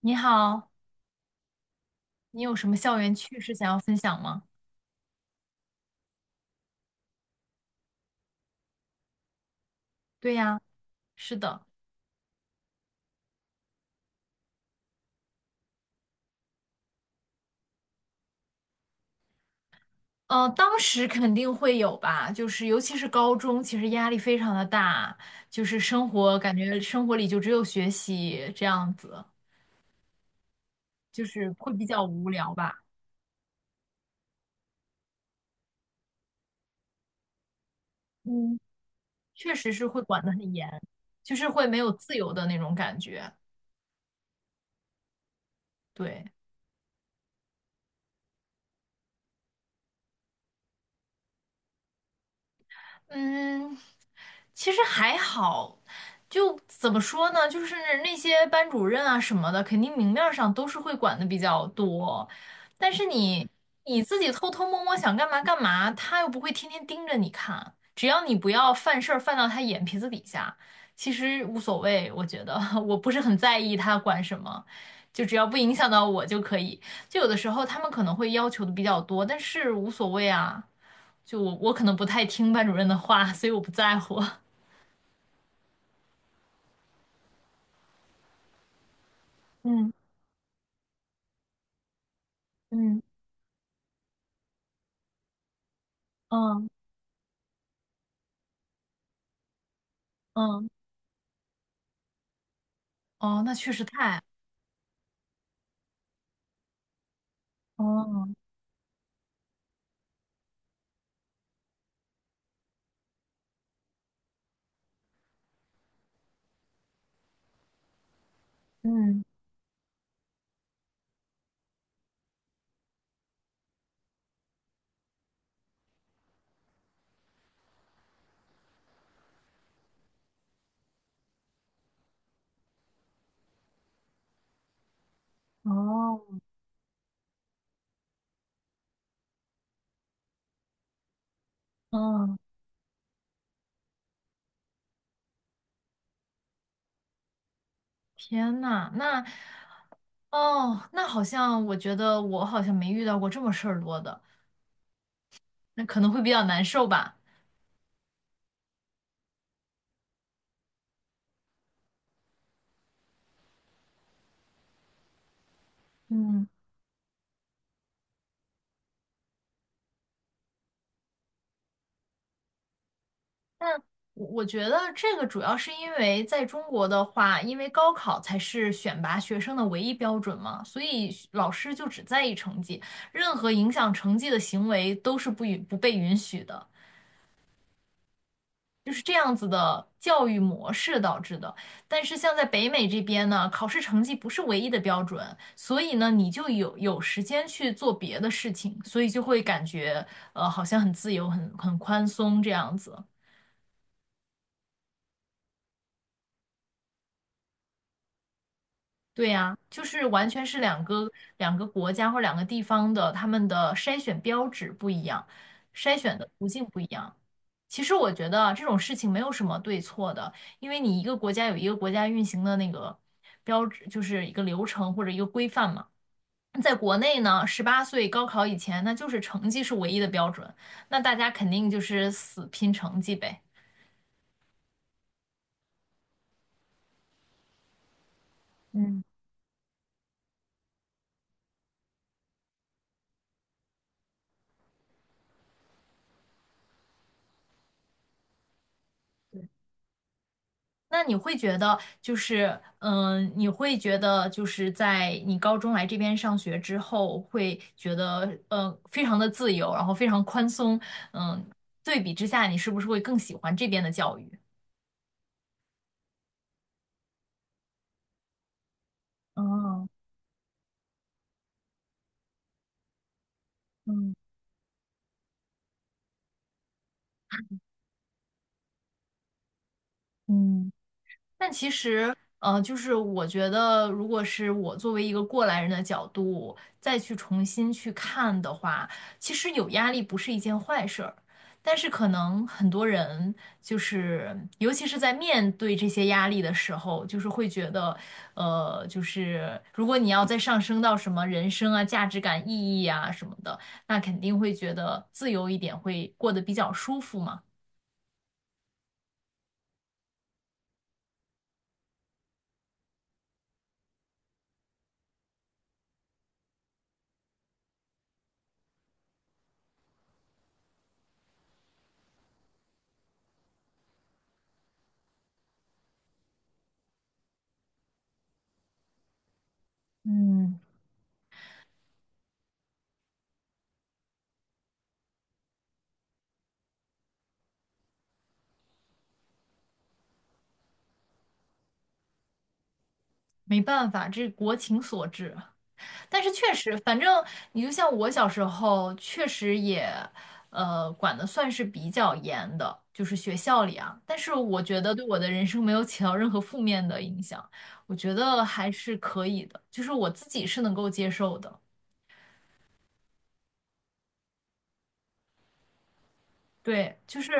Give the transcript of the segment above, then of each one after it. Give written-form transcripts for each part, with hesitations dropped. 你好，你有什么校园趣事想要分享吗？对呀，是的，当时肯定会有吧，就是尤其是高中，其实压力非常的大，就是生活感觉生活里就只有学习这样子，就是会比较无聊吧。嗯，确实是会管得很严，就是会没有自由的那种感觉。对。嗯，其实还好，就怎么说呢，就是那些班主任啊什么的，肯定明面儿上都是会管的比较多，但是你自己偷偷摸摸想干嘛干嘛，他又不会天天盯着你看，只要你不要犯事儿犯到他眼皮子底下，其实无所谓，我觉得 我不是很在意他管什么，就只要不影响到我就可以。就有的时候他们可能会要求的比较多，但是无所谓啊。就我可能不太听班主任的话，所以我不在乎。嗯。嗯。嗯。嗯。哦，那确实太，哦。嗯。哦。嗯。天呐，那哦，那好像我觉得我好像没遇到过这么事儿多的，那可能会比较难受吧。嗯。但我觉得这个主要是因为在中国的话，因为高考才是选拔学生的唯一标准嘛，所以老师就只在意成绩，任何影响成绩的行为都是不被允许的，就是这样子的教育模式导致的。但是像在北美这边呢，考试成绩不是唯一的标准，所以呢，你就有时间去做别的事情，所以就会感觉好像很自由、很宽松这样子。对呀，就是完全是两个国家或两个地方的他们的筛选标准不一样，筛选的途径不一样。其实我觉得这种事情没有什么对错的，因为你一个国家有一个国家运行的那个标志，就是一个流程或者一个规范嘛。在国内呢，18岁高考以前，那就是成绩是唯一的标准，那大家肯定就是死拼成绩呗。嗯，对那你会觉得就是，嗯，你会觉得就是在你高中来这边上学之后，会觉得，非常的自由，然后非常宽松，嗯，对比之下，你是不是会更喜欢这边的教育？哦，嗯嗯。但其实，就是我觉得，如果是我作为一个过来人的角度，再去重新去看的话，其实有压力不是一件坏事儿。但是可能很多人就是，尤其是在面对这些压力的时候，就是会觉得，就是如果你要再上升到什么人生啊、价值感、意义啊什么的，那肯定会觉得自由一点会过得比较舒服嘛。嗯，没办法，这是国情所致。但是确实，反正你就像我小时候，确实也，管的算是比较严的，就是学校里啊。但是我觉得对我的人生没有起到任何负面的影响，我觉得还是可以的，就是我自己是能够接受的。对，就是，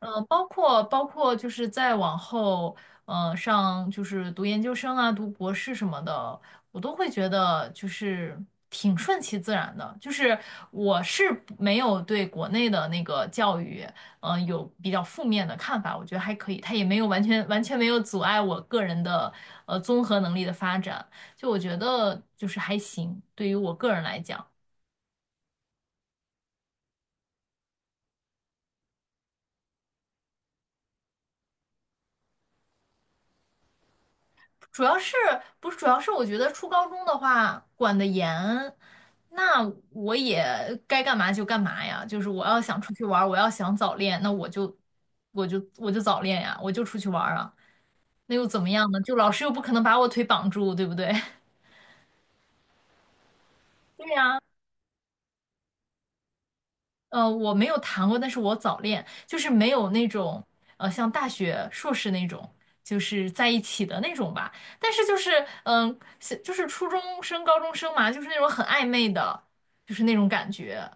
包括就是再往后，上就是读研究生啊，读博士什么的，我都会觉得就是挺顺其自然的。就是我是不没有对国内的那个教育，有比较负面的看法，我觉得还可以，它也没有完全没有阻碍我个人的综合能力的发展，就我觉得就是还行，对于我个人来讲。主要是不是主要是我觉得初高中的话管得严，那我也该干嘛就干嘛呀。就是我要想出去玩儿我要想早恋，那我就早恋呀，我就出去玩儿啊。那又怎么样呢？就老师又不可能把我腿绑住，对不对？对呀、我没有谈过，但是我早恋，就是没有那种像大学、硕士那种，就是在一起的那种吧。但是就是，是就是初中生、高中生嘛，就是那种很暧昧的，就是那种感觉。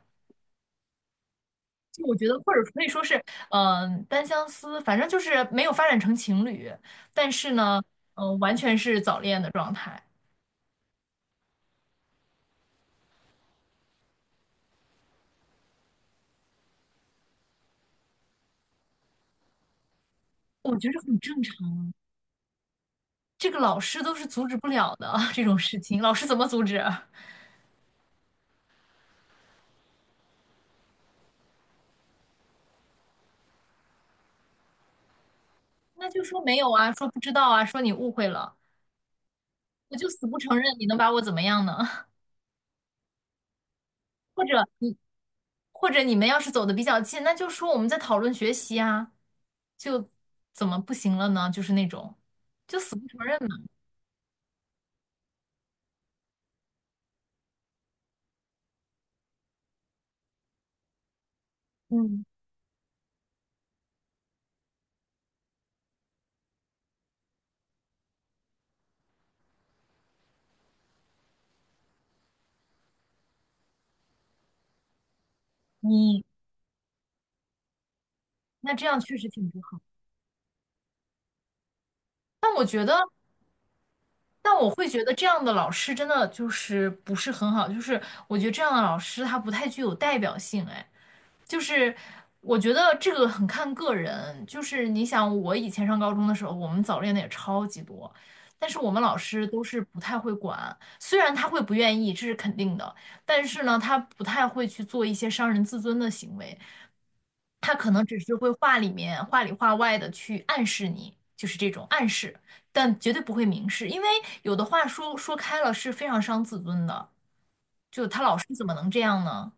就我觉得，或者可以说是，嗯、单相思，反正就是没有发展成情侣，但是呢，完全是早恋的状态，我觉得很正常。这个老师都是阻止不了的 这种事情，老师怎么阻止啊？那就说没有啊，说不知道啊，说你误会了，我就死不承认，你能把我怎么样呢？或者你，或者你们要是走的比较近，那就说我们在讨论学习啊，就怎么不行了呢？就是那种，就死不承认嘛。嗯，你那这样确实挺不好，但我觉得。但我会觉得这样的老师真的就是不是很好，就是我觉得这样的老师他不太具有代表性，哎，就是我觉得这个很看个人，就是你想我以前上高中的时候，我们早恋的也超级多，但是我们老师都是不太会管，虽然他会不愿意，这是肯定的，但是呢，他不太会去做一些伤人自尊的行为，他可能只是会话里面话里话外的去暗示你，就是这种暗示。但绝对不会明示，因为有的话说开了是非常伤自尊的。就他老师怎么能这样呢？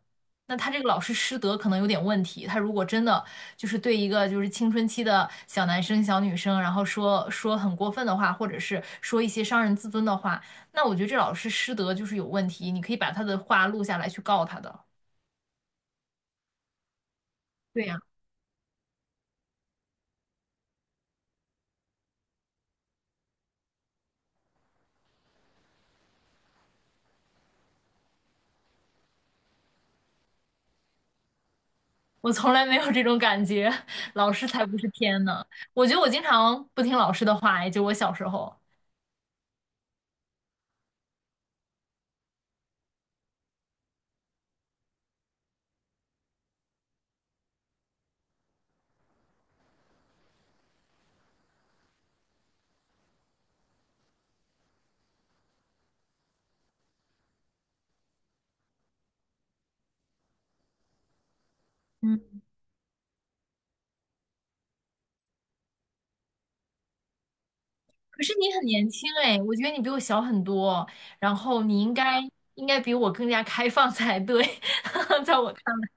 那他这个老师师德可能有点问题。他如果真的就是对一个就是青春期的小男生、小女生，然后说说很过分的话，或者是说一些伤人自尊的话，那我觉得这老师师德就是有问题。你可以把他的话录下来去告他的。对呀 我从来没有这种感觉，老师才不是天呢。我觉得我经常不听老师的话，也就我小时候。嗯。可是你很年轻哎，我觉得你比我小很多，然后你应该应该比我更加开放才对，在我看来，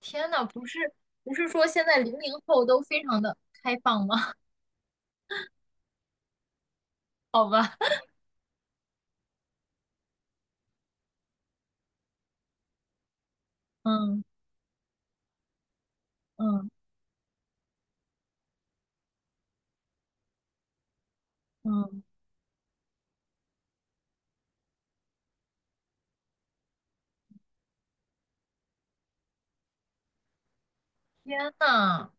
天呐，不是说现在00后都非常的开放吗？好吧，嗯。嗯。嗯，天呐，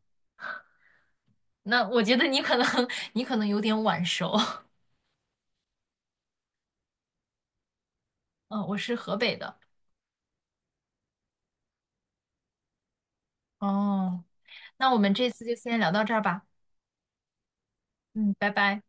那我觉得你可能 你可能有点晚熟，嗯，我是河北的，哦，那我们这次就先聊到这儿吧，嗯，拜拜。